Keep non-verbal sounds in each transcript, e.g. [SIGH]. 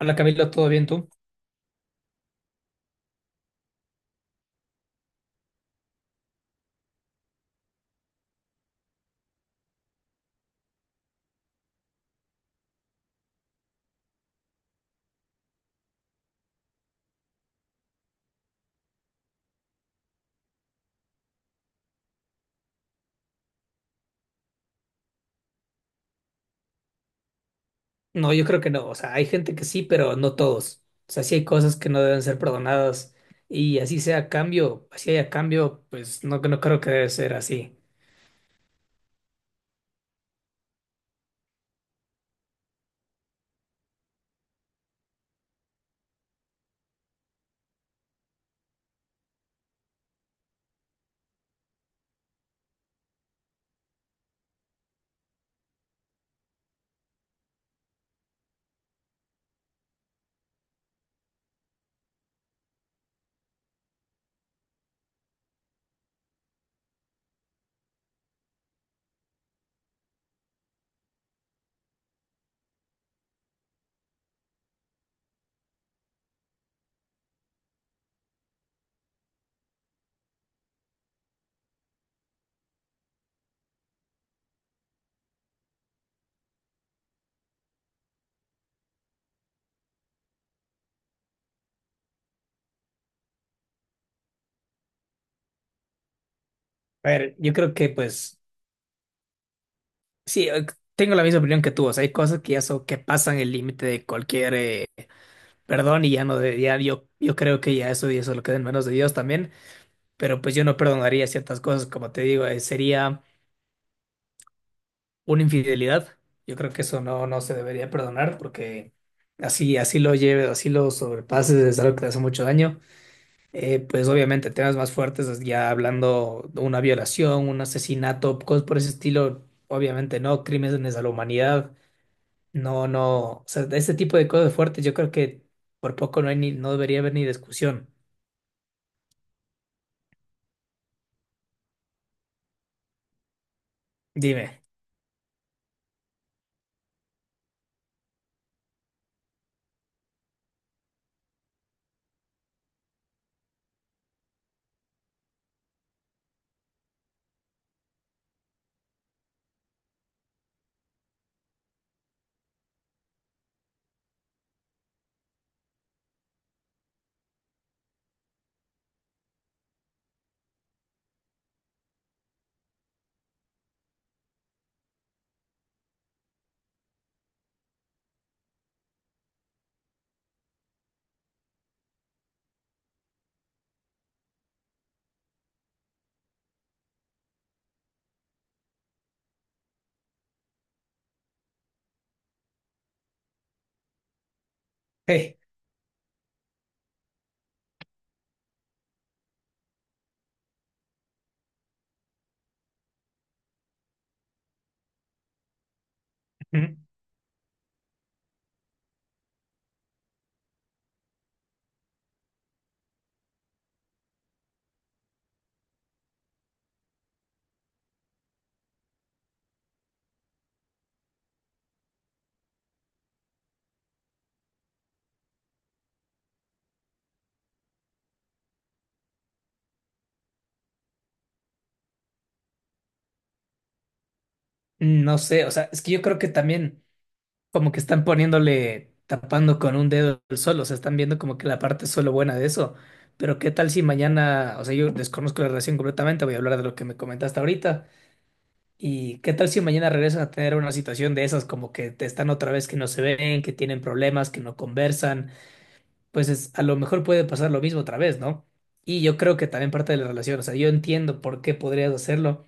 Hola Camilo, ¿todo bien tú? No, yo creo que no. O sea, hay gente que sí, pero no todos. O sea, sí hay cosas que no deben ser perdonadas y así sea a cambio, así haya cambio, pues no creo que debe ser así. A ver, yo creo que pues sí, tengo la misma opinión que tú. O sea, hay cosas que ya son, que pasan el límite de cualquier perdón y ya no de, ya yo creo que ya eso lo queda en manos de Dios también. Pero pues yo no perdonaría ciertas cosas, como te digo, sería una infidelidad. Yo creo que eso no se debería perdonar porque así, así lo lleves, así lo sobrepases, es algo que te hace mucho daño. Pues obviamente temas más fuertes, es ya hablando de una violación, un asesinato, cosas por ese estilo, obviamente no, crímenes a la humanidad, no, no, o sea, de ese tipo de cosas fuertes yo creo que por poco no hay ni, no debería haber ni discusión. Dime. [LAUGHS] Hey, ujú. No sé, o sea, es que yo creo que también como que están poniéndole, tapando con un dedo el sol, o sea, están viendo como que la parte solo buena de eso. Pero qué tal si mañana, o sea, yo desconozco la relación completamente, voy a hablar de lo que me comentaste ahorita. ¿Y qué tal si mañana regresan a tener una situación de esas, como que te están otra vez que no se ven, que tienen problemas, que no conversan? Pues es- a lo mejor puede pasar lo mismo otra vez, ¿no? Y yo creo que también parte de la relación, o sea, yo entiendo por qué podrías hacerlo,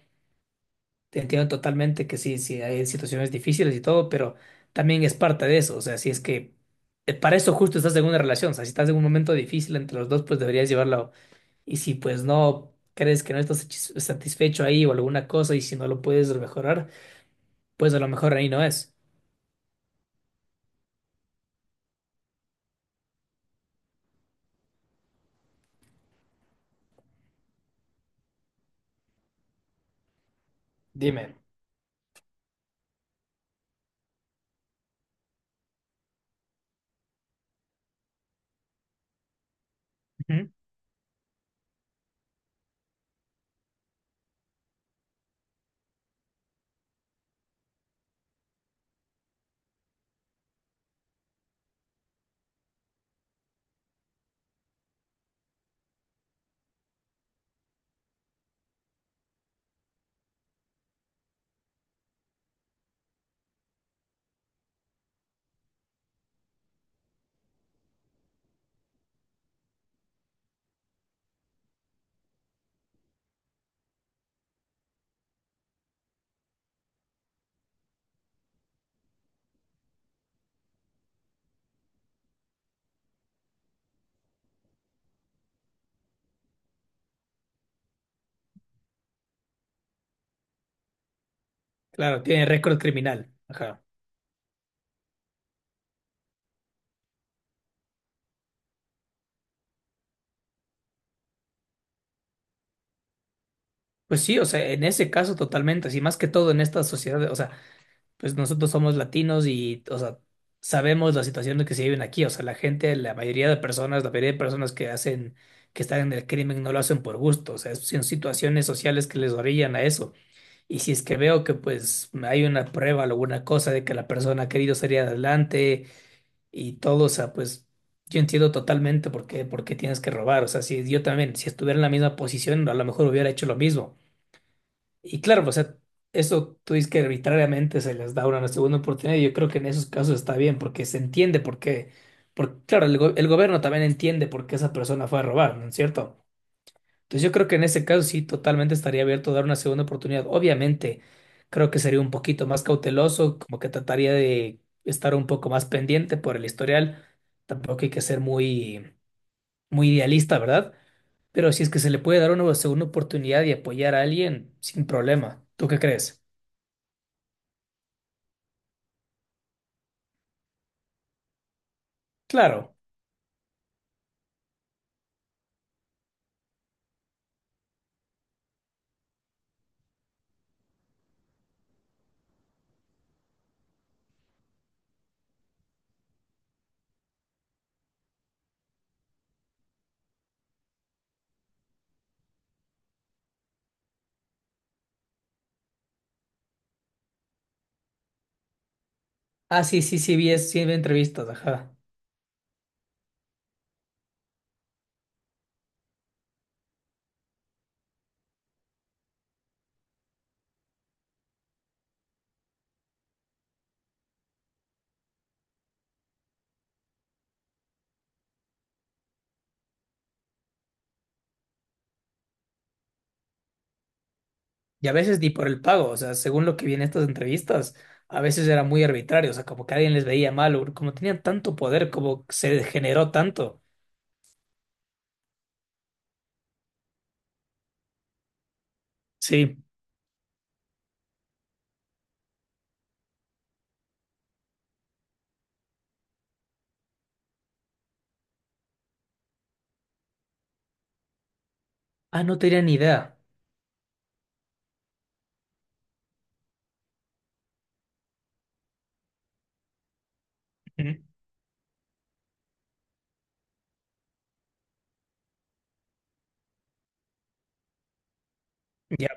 te entiendo totalmente que sí, sí, hay situaciones difíciles y todo, pero también es parte de eso. O sea, si es que para eso justo estás en una relación, o sea, si estás en un momento difícil entre los dos, pues deberías llevarlo. Y si pues no crees que no estás satis- satisfecho ahí o alguna cosa y si no lo puedes mejorar, pues a lo mejor ahí no es. Dime. Ujú. Claro, tiene récord criminal. Ajá. Pues sí, o sea, en ese caso totalmente, así más que todo en esta sociedad, o sea, pues nosotros somos latinos y, o sea, sabemos la situación en que se viven aquí. O sea, la gente, la mayoría de personas que hacen, que están en el crimen no lo hacen por gusto. O sea, son situaciones sociales que les orillan a eso. Y si es que veo que pues hay una prueba o alguna cosa de que la persona ha querido salir adelante y todo, o sea, pues yo entiendo totalmente por qué tienes que robar. O sea, si yo también, si estuviera en la misma posición, a lo mejor hubiera hecho lo mismo. Y claro, o sea, eso tú dices que arbitrariamente se les da una segunda oportunidad y yo creo que en esos casos está bien porque se entiende por qué, porque claro, go- el gobierno también entiende por qué esa persona fue a robar, ¿no es cierto? Entonces yo creo que en ese caso sí totalmente estaría abierto a dar una segunda oportunidad. Obviamente creo que sería un poquito más cauteloso, como que trataría de estar un poco más pendiente por el historial. Tampoco hay que ser muy idealista, ¿verdad? Pero si es que se le puede dar una segunda oportunidad y apoyar a alguien, sin problema. ¿Tú qué crees? Claro. Ah, sí, sí, sí, vi, es- sí, vi entrevistas, ajá. Y a veces ni por el pago, o sea, según lo que vi en estas entrevistas, a veces era muy arbitrario, o sea, como que alguien les veía mal, o como tenían tanto poder, como que se degeneró tanto. Sí. Ah, no tenía ni idea. Ujú. Ya,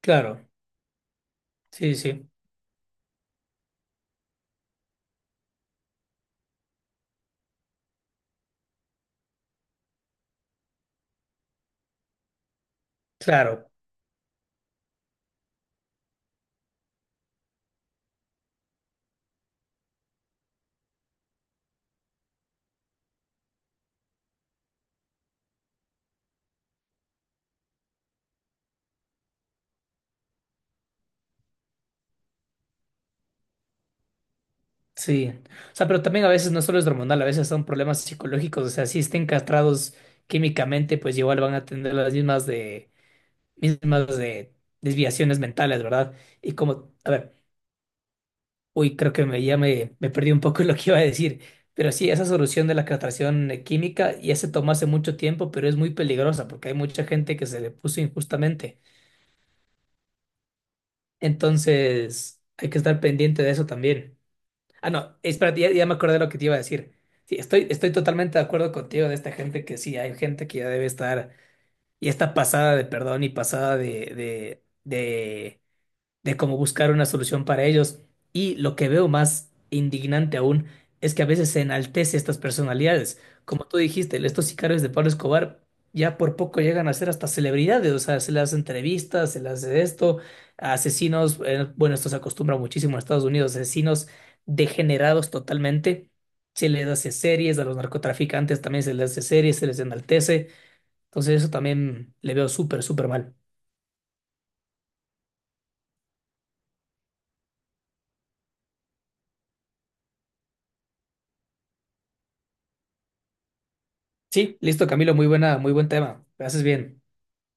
claro. Sí, sí, sí. Claro. Sí, o sea, pero también a veces no solo es hormonal, a veces son problemas psicológicos, o sea, si estén castrados químicamente, pues igual van a tener las mismas de desviaciones mentales, ¿verdad? Y como, a ver, uy, creo que me perdí un poco [LAUGHS] lo que iba a decir, pero sí, esa solución de la castración química ya se tomó hace mucho tiempo, pero es muy peligrosa porque hay mucha gente que se le puso injustamente, entonces hay que estar pendiente de eso también. Ah, no, espérate, ya, ya me acordé de lo que te iba a decir. Sí, estoy totalmente de acuerdo contigo de esta gente que sí, hay gente que ya debe estar y está pasada de perdón y pasada de de cómo buscar una solución para ellos. Y lo que veo más indignante aún es que a veces se enaltece estas personalidades. Como tú dijiste, estos sicarios de Pablo Escobar ya por poco llegan a ser hasta celebridades, o sea, se les hace entrevistas, se les hace esto, asesinos, bueno, esto se acostumbra muchísimo en Estados Unidos, asesinos degenerados totalmente. Se les hace series, a los narcotraficantes también se les hace series, se les enaltece. Entonces eso también le veo súper, súper mal. Sí, listo, Camilo, muy buena, muy buen tema. Gracias bien.